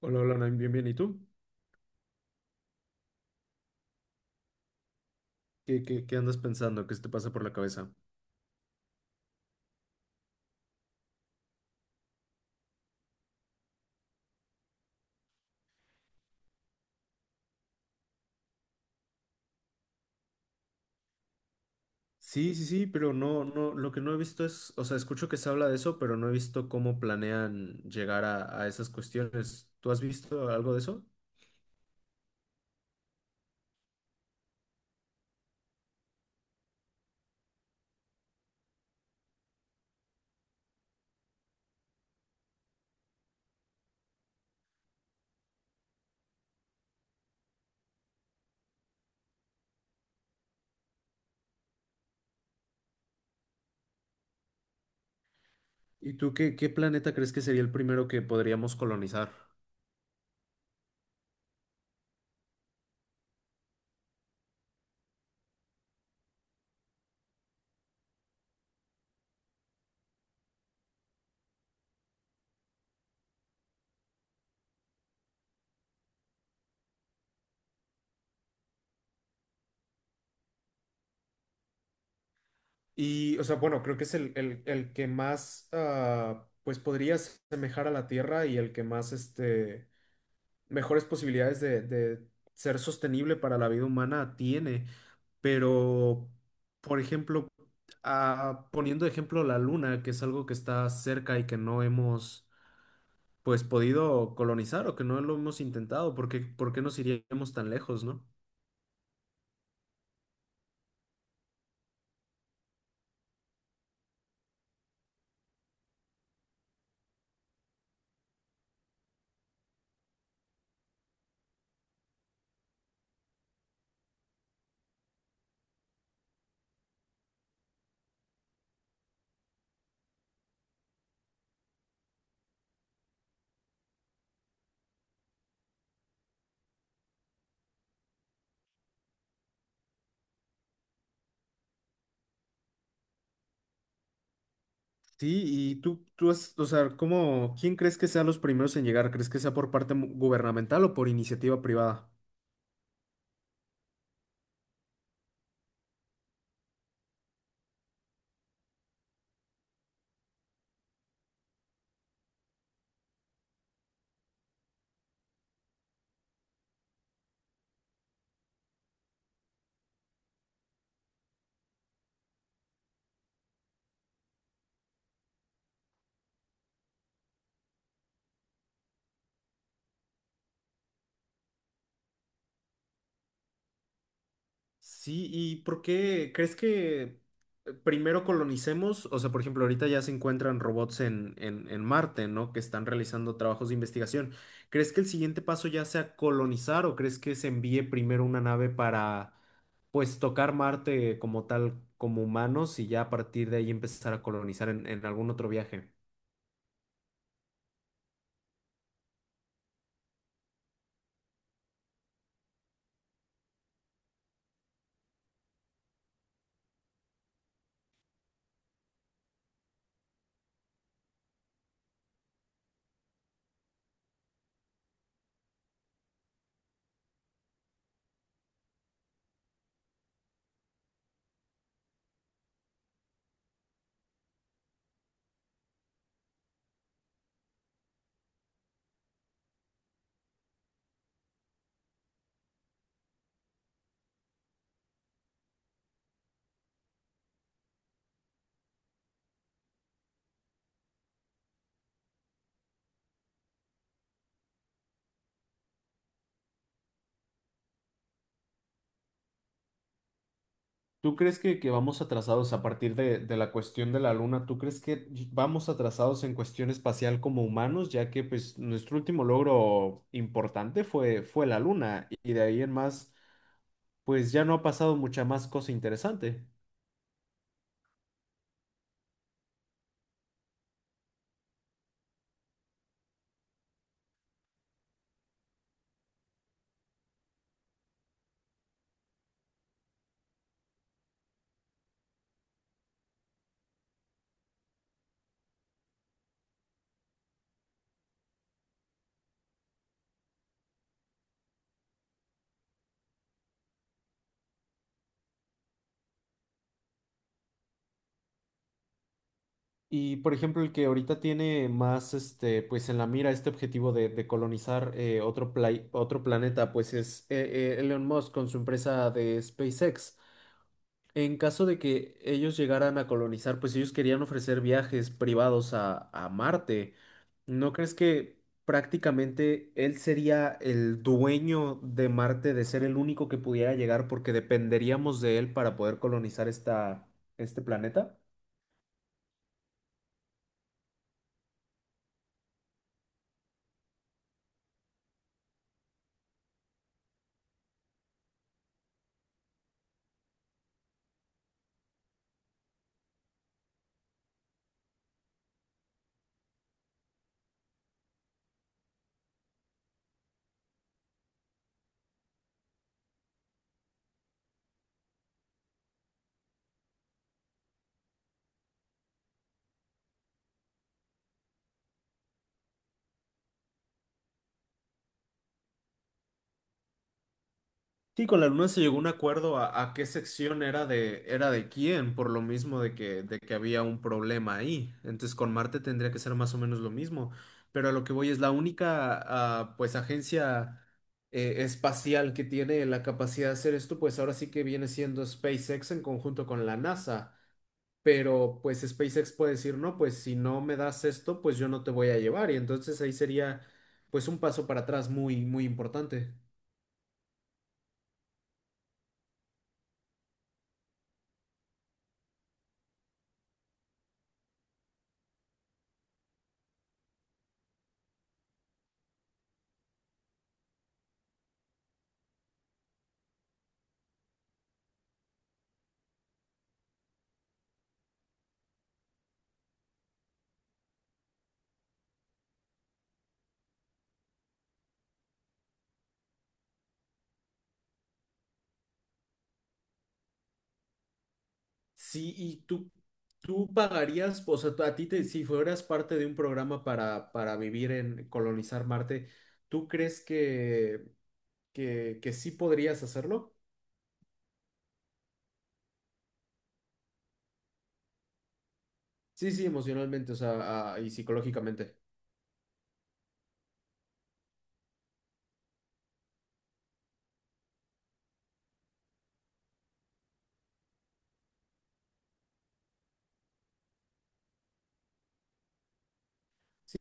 Hola, hola, Naim, bien, bien. ¿Y tú? ¿Qué andas pensando? ¿Qué se te pasa por la cabeza? Sí, sí, sí, pero no, no, lo que no he visto es, o sea, escucho que se habla de eso, pero no he visto cómo planean llegar a esas cuestiones. ¿Tú has visto algo de eso? ¿Y tú qué planeta crees que sería el primero que podríamos colonizar? Y, o sea, bueno, creo que es el que más, ah, pues podría asemejar a la Tierra y el que más, este, mejores posibilidades de ser sostenible para la vida humana tiene, pero, por ejemplo, ah, poniendo de ejemplo la Luna, que es algo que está cerca y que no hemos, pues, podido colonizar o que no lo hemos intentado, porque, ¿por qué nos iríamos tan lejos, no? Sí, y tú has, o sea, ¿cómo, quién crees que sean los primeros en llegar? ¿Crees que sea por parte mu- gubernamental o por iniciativa privada? Sí, ¿y por qué crees que primero colonicemos? O sea, por ejemplo, ahorita ya se encuentran robots en Marte, ¿no? Que están realizando trabajos de investigación. ¿Crees que el siguiente paso ya sea colonizar o crees que se envíe primero una nave para, pues, tocar Marte como tal, como humanos y ya a partir de ahí empezar a colonizar en algún otro viaje? ¿Tú crees que vamos atrasados a partir de la cuestión de la Luna? ¿Tú crees que vamos atrasados en cuestión espacial como humanos, ya que pues nuestro último logro importante fue la Luna y de ahí en más pues ya no ha pasado mucha más cosa interesante? Y por ejemplo el que ahorita tiene más este pues en la mira este objetivo de colonizar otro, play- otro planeta pues es Elon Musk con su empresa de SpaceX. En caso de que ellos llegaran a colonizar, pues ellos querían ofrecer viajes privados a Marte. ¿No crees que prácticamente él sería el dueño de Marte, de ser el único que pudiera llegar porque dependeríamos de él para poder colonizar esta, este planeta? Sí, con la Luna se llegó a un acuerdo a qué sección era de quién, por lo mismo de que había un problema ahí. Entonces con Marte tendría que ser más o menos lo mismo. Pero a lo que voy es la única ah, pues agencia espacial que tiene la capacidad de hacer esto, pues ahora sí que viene siendo SpaceX en conjunto con la NASA. Pero pues SpaceX puede decir, no, pues si no me das esto, pues yo no te voy a llevar. Y entonces ahí sería pues un paso para atrás muy, muy importante. Sí, y tú pagarías, o sea, a ti te, si fueras parte de un programa para vivir en colonizar Marte, ¿tú crees que sí podrías hacerlo? Sí, sí, emocionalmente, o sea, ah, y psicológicamente.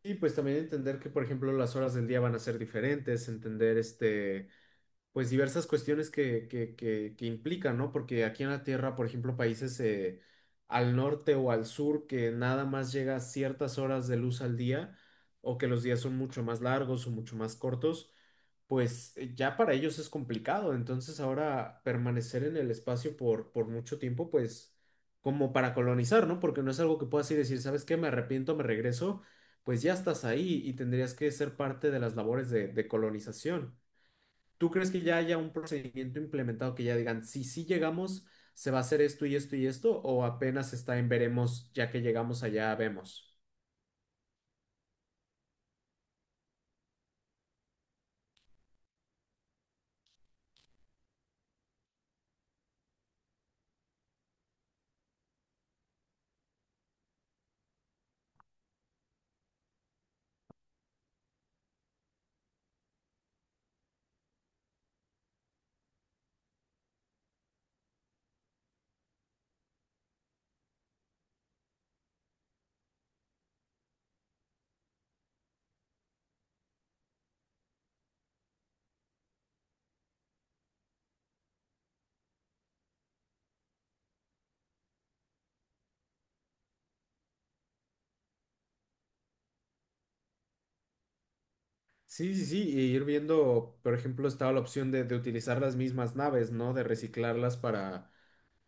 Sí, pues también entender que, por ejemplo, las horas del día van a ser diferentes, entender este, pues diversas cuestiones que implican, ¿no? Porque aquí en la Tierra, por ejemplo, países al norte o al sur que nada más llega ciertas horas de luz al día, o que los días son mucho más largos o mucho más cortos, pues ya para ellos es complicado. Entonces ahora permanecer en el espacio por mucho tiempo, pues como para colonizar, ¿no? Porque no es algo que puedas ir y decir, ¿sabes qué? Me arrepiento, me regreso pues ya estás ahí y tendrías que ser parte de las labores de colonización. ¿Tú crees que ya haya un procedimiento implementado que ya digan, si sí llegamos, se va a hacer esto y esto y esto, o apenas está en veremos, ya que llegamos allá, vemos? Sí, sí, sí, y ir viendo, por ejemplo, estaba la opción de utilizar las mismas naves, ¿no? De reciclarlas para,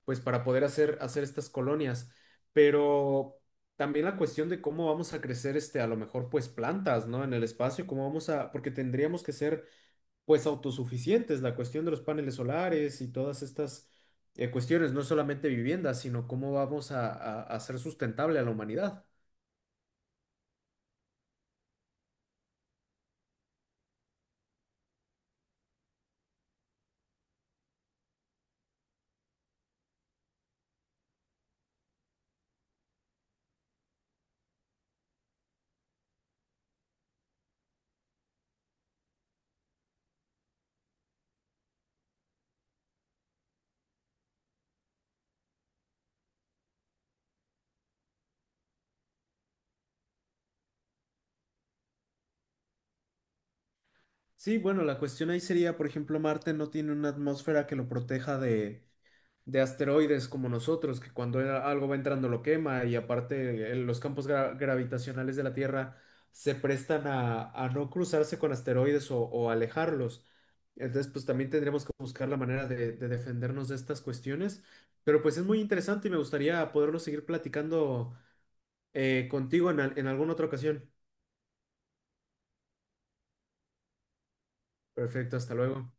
pues, para poder hacer, hacer estas colonias. Pero también la cuestión de cómo vamos a crecer, este, a lo mejor, pues, plantas, ¿no? En el espacio, cómo vamos a, porque tendríamos que ser pues autosuficientes. La cuestión de los paneles solares y todas estas cuestiones, no solamente viviendas, sino cómo vamos a hacer sustentable a la humanidad. Sí, bueno, la cuestión ahí sería, por ejemplo, Marte no tiene una atmósfera que lo proteja de asteroides como nosotros, que cuando era- algo va entrando lo quema y aparte los campos gra- gravitacionales de la Tierra se prestan a no cruzarse con asteroides o alejarlos. Entonces, pues también tendríamos que buscar la manera de defendernos de estas cuestiones. Pero pues es muy interesante y me gustaría poderlo seguir platicando contigo en al- en alguna otra ocasión. Perfecto, hasta luego.